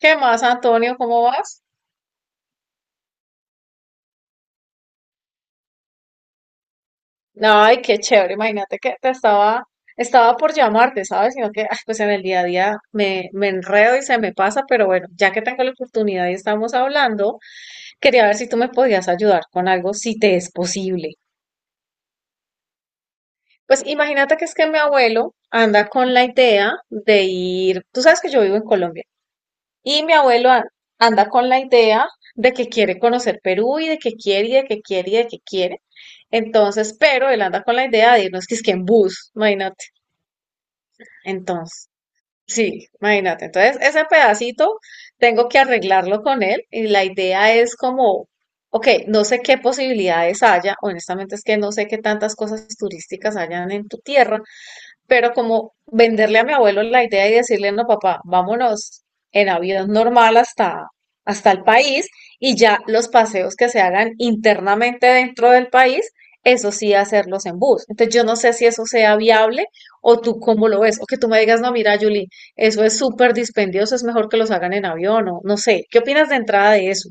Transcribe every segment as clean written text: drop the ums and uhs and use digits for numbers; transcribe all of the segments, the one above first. ¿Qué más, Antonio? ¿Cómo vas? Ay, qué chévere. Imagínate que te estaba por llamarte, ¿sabes? Sino que, pues en el día a día me enredo y se me pasa, pero bueno, ya que tengo la oportunidad y estamos hablando, quería ver si tú me podías ayudar con algo, si te es posible. Pues imagínate que es que mi abuelo anda con la idea de ir, tú sabes que yo vivo en Colombia. Y mi anda con la idea de que quiere conocer Perú y de que quiere y de que quiere y de que quiere. Entonces, pero él anda con la idea de irnos que es que en bus, imagínate. Entonces, sí, imagínate. Entonces, ese pedacito tengo que arreglarlo con él y la idea es como, ok, no sé qué posibilidades haya, honestamente es que no sé qué tantas cosas turísticas hayan en tu tierra, pero como venderle a mi abuelo la idea y decirle, no, papá, vámonos en avión normal hasta el país y ya los paseos que se hagan internamente dentro del país, eso sí, hacerlos en bus. Entonces yo no sé si eso sea viable o tú cómo lo ves, o que tú me digas, no, mira, Julie, eso es súper dispendioso, es mejor que los hagan en avión o no sé. ¿Qué opinas de entrada de eso?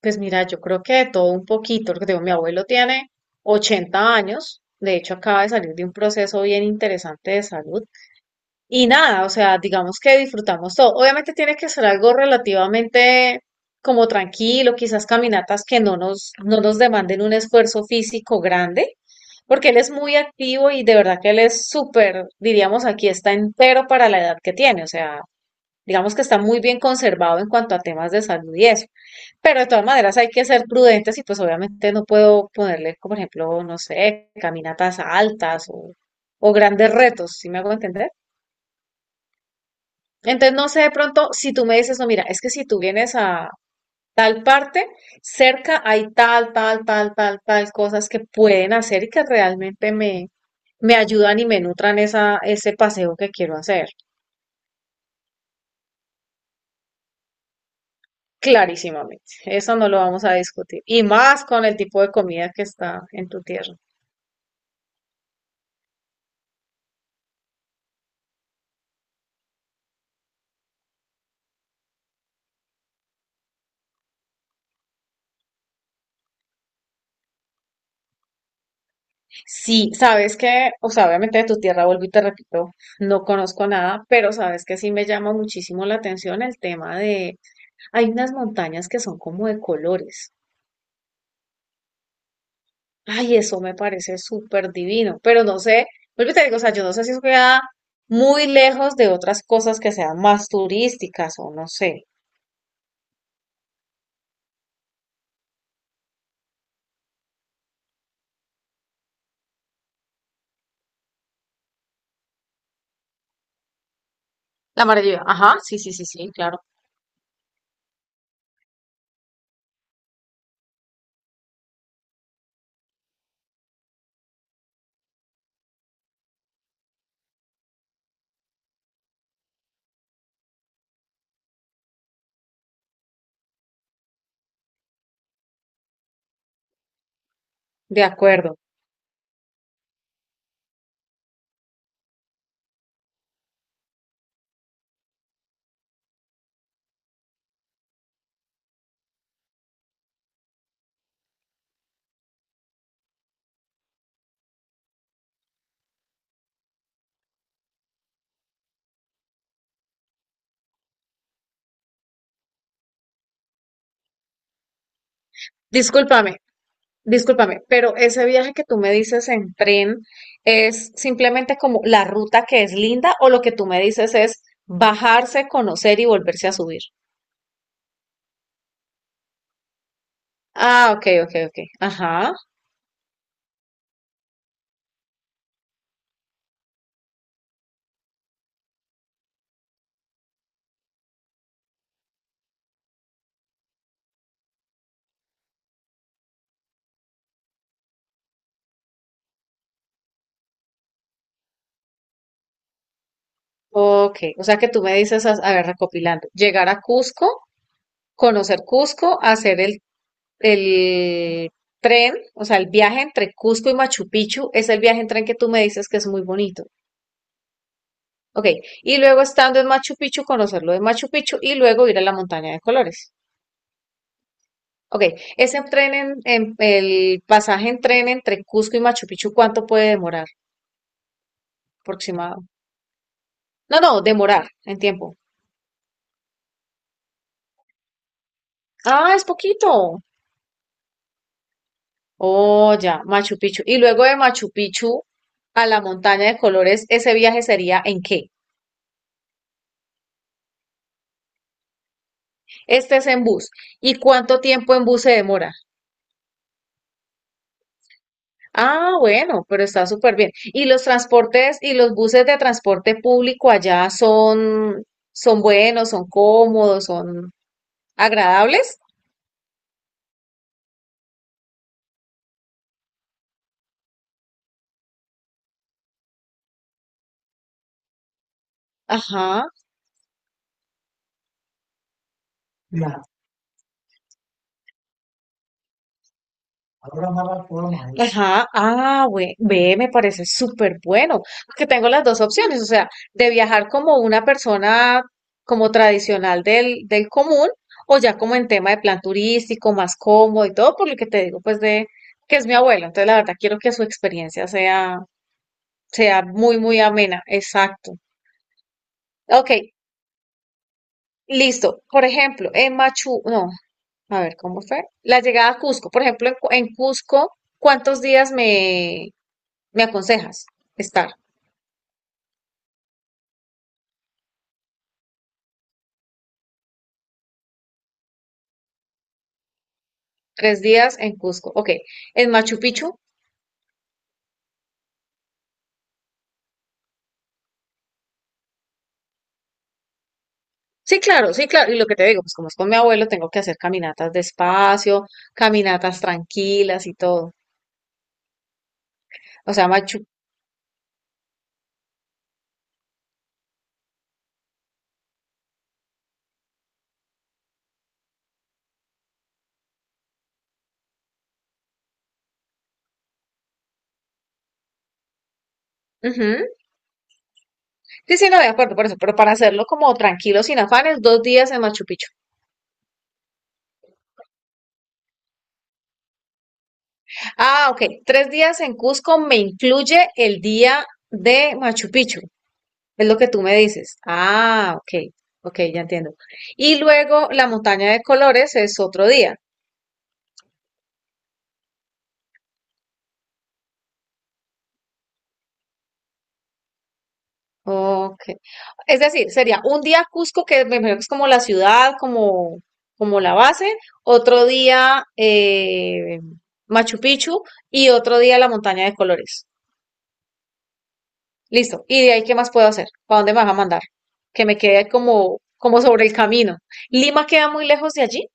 Pues mira, yo creo que de todo un poquito, porque digo, mi abuelo tiene 80 años, de hecho acaba de salir de un proceso bien interesante de salud, y nada, o sea, digamos que disfrutamos todo. Obviamente tiene que ser algo relativamente como tranquilo, quizás caminatas que no nos demanden un esfuerzo físico grande, porque él es muy activo y de verdad que él es súper, diríamos aquí, está entero para la edad que tiene, o sea, digamos que está muy bien conservado en cuanto a temas de salud y eso. Pero de todas maneras hay que ser prudentes y pues obviamente no puedo ponerle, como por ejemplo, no sé, caminatas altas o grandes retos, ¿sí me hago entender? Entonces no sé de pronto si tú me dices, no, mira, es que si tú vienes a tal parte, cerca hay tal, tal, tal, tal, tal cosas que pueden hacer me ayudan y me nutran ese paseo que quiero hacer. Clarísimamente, eso no lo vamos a discutir. Y más con el tipo de comida que está en tu tierra. Sí, sabes que, o sea, obviamente de tu tierra, vuelvo y te repito, no conozco nada, pero sabes que sí me llama muchísimo la atención el tema de: hay unas montañas que son como de colores. Ay, eso me parece súper divino, pero no sé, vuelvo y te digo, o sea, yo no sé si eso queda muy lejos de otras cosas que sean más turísticas o no sé. La maravilla, ajá, sí, sí, sí, sí, claro, de acuerdo. Discúlpame. Discúlpame, pero ese viaje que tú me dices en tren es simplemente como la ruta que es linda o lo que tú me dices es bajarse, conocer y volverse a subir. Ah, ok, ok, ok. Ajá. Ok. O sea que tú me dices, a ver, recopilando, llegar a Cusco, conocer Cusco, hacer el tren, o sea, el viaje entre Cusco y Machu Picchu es el viaje en tren que tú me dices que es muy bonito. Ok. Y luego estando en Machu Picchu, conocer lo de Machu Picchu y luego ir a la montaña de colores. Ok, ese el pasaje en tren entre Cusco y Machu Picchu, ¿cuánto puede demorar? Aproximado. No, no, demorar en tiempo. Ah, es poquito. Oh, ya, Machu Picchu. Y luego de Machu Picchu a la montaña de colores, ¿ese viaje sería en qué? Este es en bus. ¿Y cuánto tiempo en bus se demora? Ah, bueno, pero está súper bien. ¿Y los transportes y los buses de transporte público allá son buenos, son cómodos, son agradables? Ajá. La ahora amarra todo mal. Ajá, ve, me parece súper bueno, porque tengo las dos opciones, o sea, de viajar como una persona como tradicional del común, o ya como en tema de plan turístico, más cómodo y todo, por lo que te digo, pues de que es mi abuelo, entonces la verdad quiero que su experiencia sea muy, muy amena, exacto. Ok, listo, por ejemplo, en Machu, no, a ver, ¿cómo fue? La llegada a Cusco, por ejemplo, en Cusco, ¿cuántos días me ¿Me aconsejas estar tres días en Cusco? Ok, en Machu Picchu. Sí, claro, sí, claro. Y lo que te digo, pues como es con mi abuelo, tengo que hacer caminatas despacio, caminatas tranquilas y todo. O sea, Machu. Ujú. Sí, sí, no, de acuerdo por eso, pero para hacerlo como tranquilo, sin afanes, dos días en Machu Picchu. Ah, ok, tres días en Cusco me incluye el día de Machu Picchu, es lo que tú me dices. Ah, ok, ok, ya entiendo. Y luego la montaña de colores es otro día. Ok. Es decir, sería un día Cusco, que me imagino que es como la ciudad, como la base, otro día Machu Picchu y otro día la montaña de colores. Listo. ¿Y de ahí qué más puedo hacer? ¿Para dónde me vas a mandar? Que me quede como, como sobre el camino. ¿Lima queda muy lejos de allí?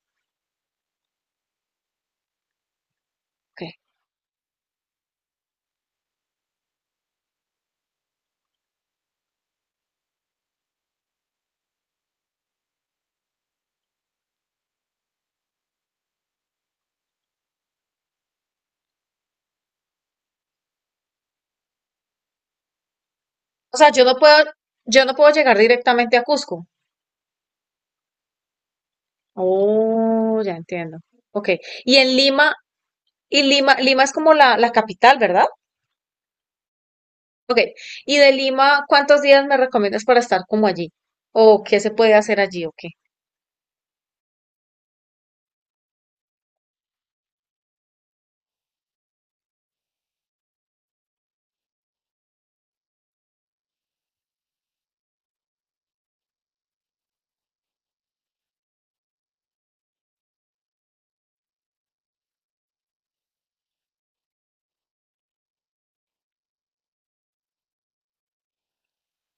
Ok. O sea, yo no puedo llegar directamente a Cusco. Oh, ya entiendo. Ok. Y en Lima, y Lima es como la capital, ¿verdad? Ok, y de Lima, ¿cuántos días me recomiendas para estar como allí? ¿O qué se puede hacer allí o qué?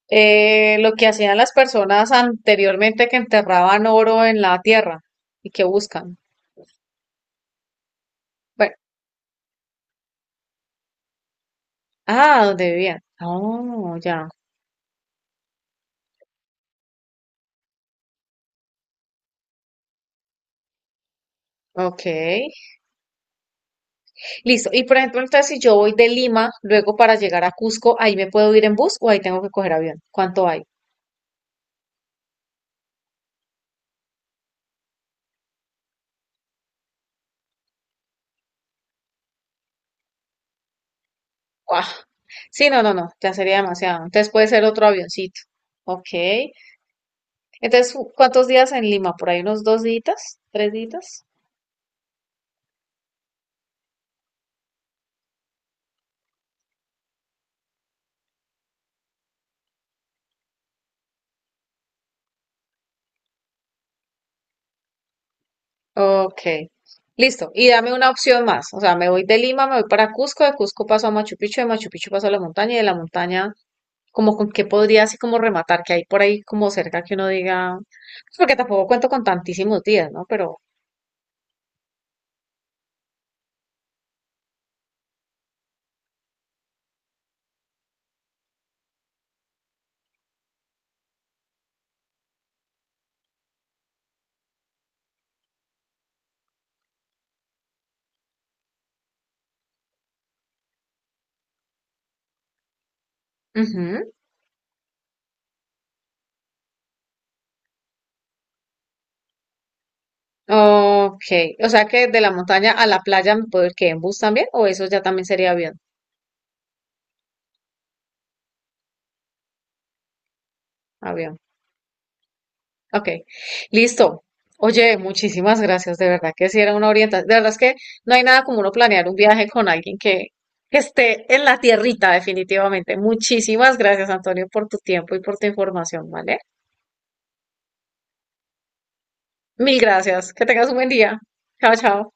Lo que hacían las personas anteriormente que enterraban oro en la tierra y que buscan. Bueno, ah, ¿dónde vivían? Oh, ya. Ok. Listo. Y por ejemplo, entonces si yo voy de Lima, luego para llegar a Cusco, ¿ahí me puedo ir en bus o ahí tengo que coger avión? ¿Cuánto hay? ¡Guau! Sí, no, no, no, ya sería demasiado. Entonces puede ser otro avioncito. Ok. Entonces, ¿cuántos días en Lima? Por ahí unos dos días, tres días. Ok, listo. Y dame una opción más. O sea, me voy de Lima, me voy para Cusco, de Cusco paso a Machu Picchu, de Machu Picchu paso a la montaña, y de la montaña, como con qué podría así como rematar, que hay por ahí como cerca que uno diga, pues porque tampoco cuento con tantísimos días, ¿no? Pero, ujú. Ok, o sea que de la montaña a la playa me puedo ir que en bus también, o eso ya también sería avión, avión. Ok, listo. Oye, muchísimas gracias, de verdad que sí era una orientación. De verdad es que no hay nada como uno planear un viaje con alguien que esté en la tierrita, definitivamente. Muchísimas gracias, Antonio, por tu tiempo y por tu información, ¿vale? Mil gracias. Que tengas un buen día. Chao, chao.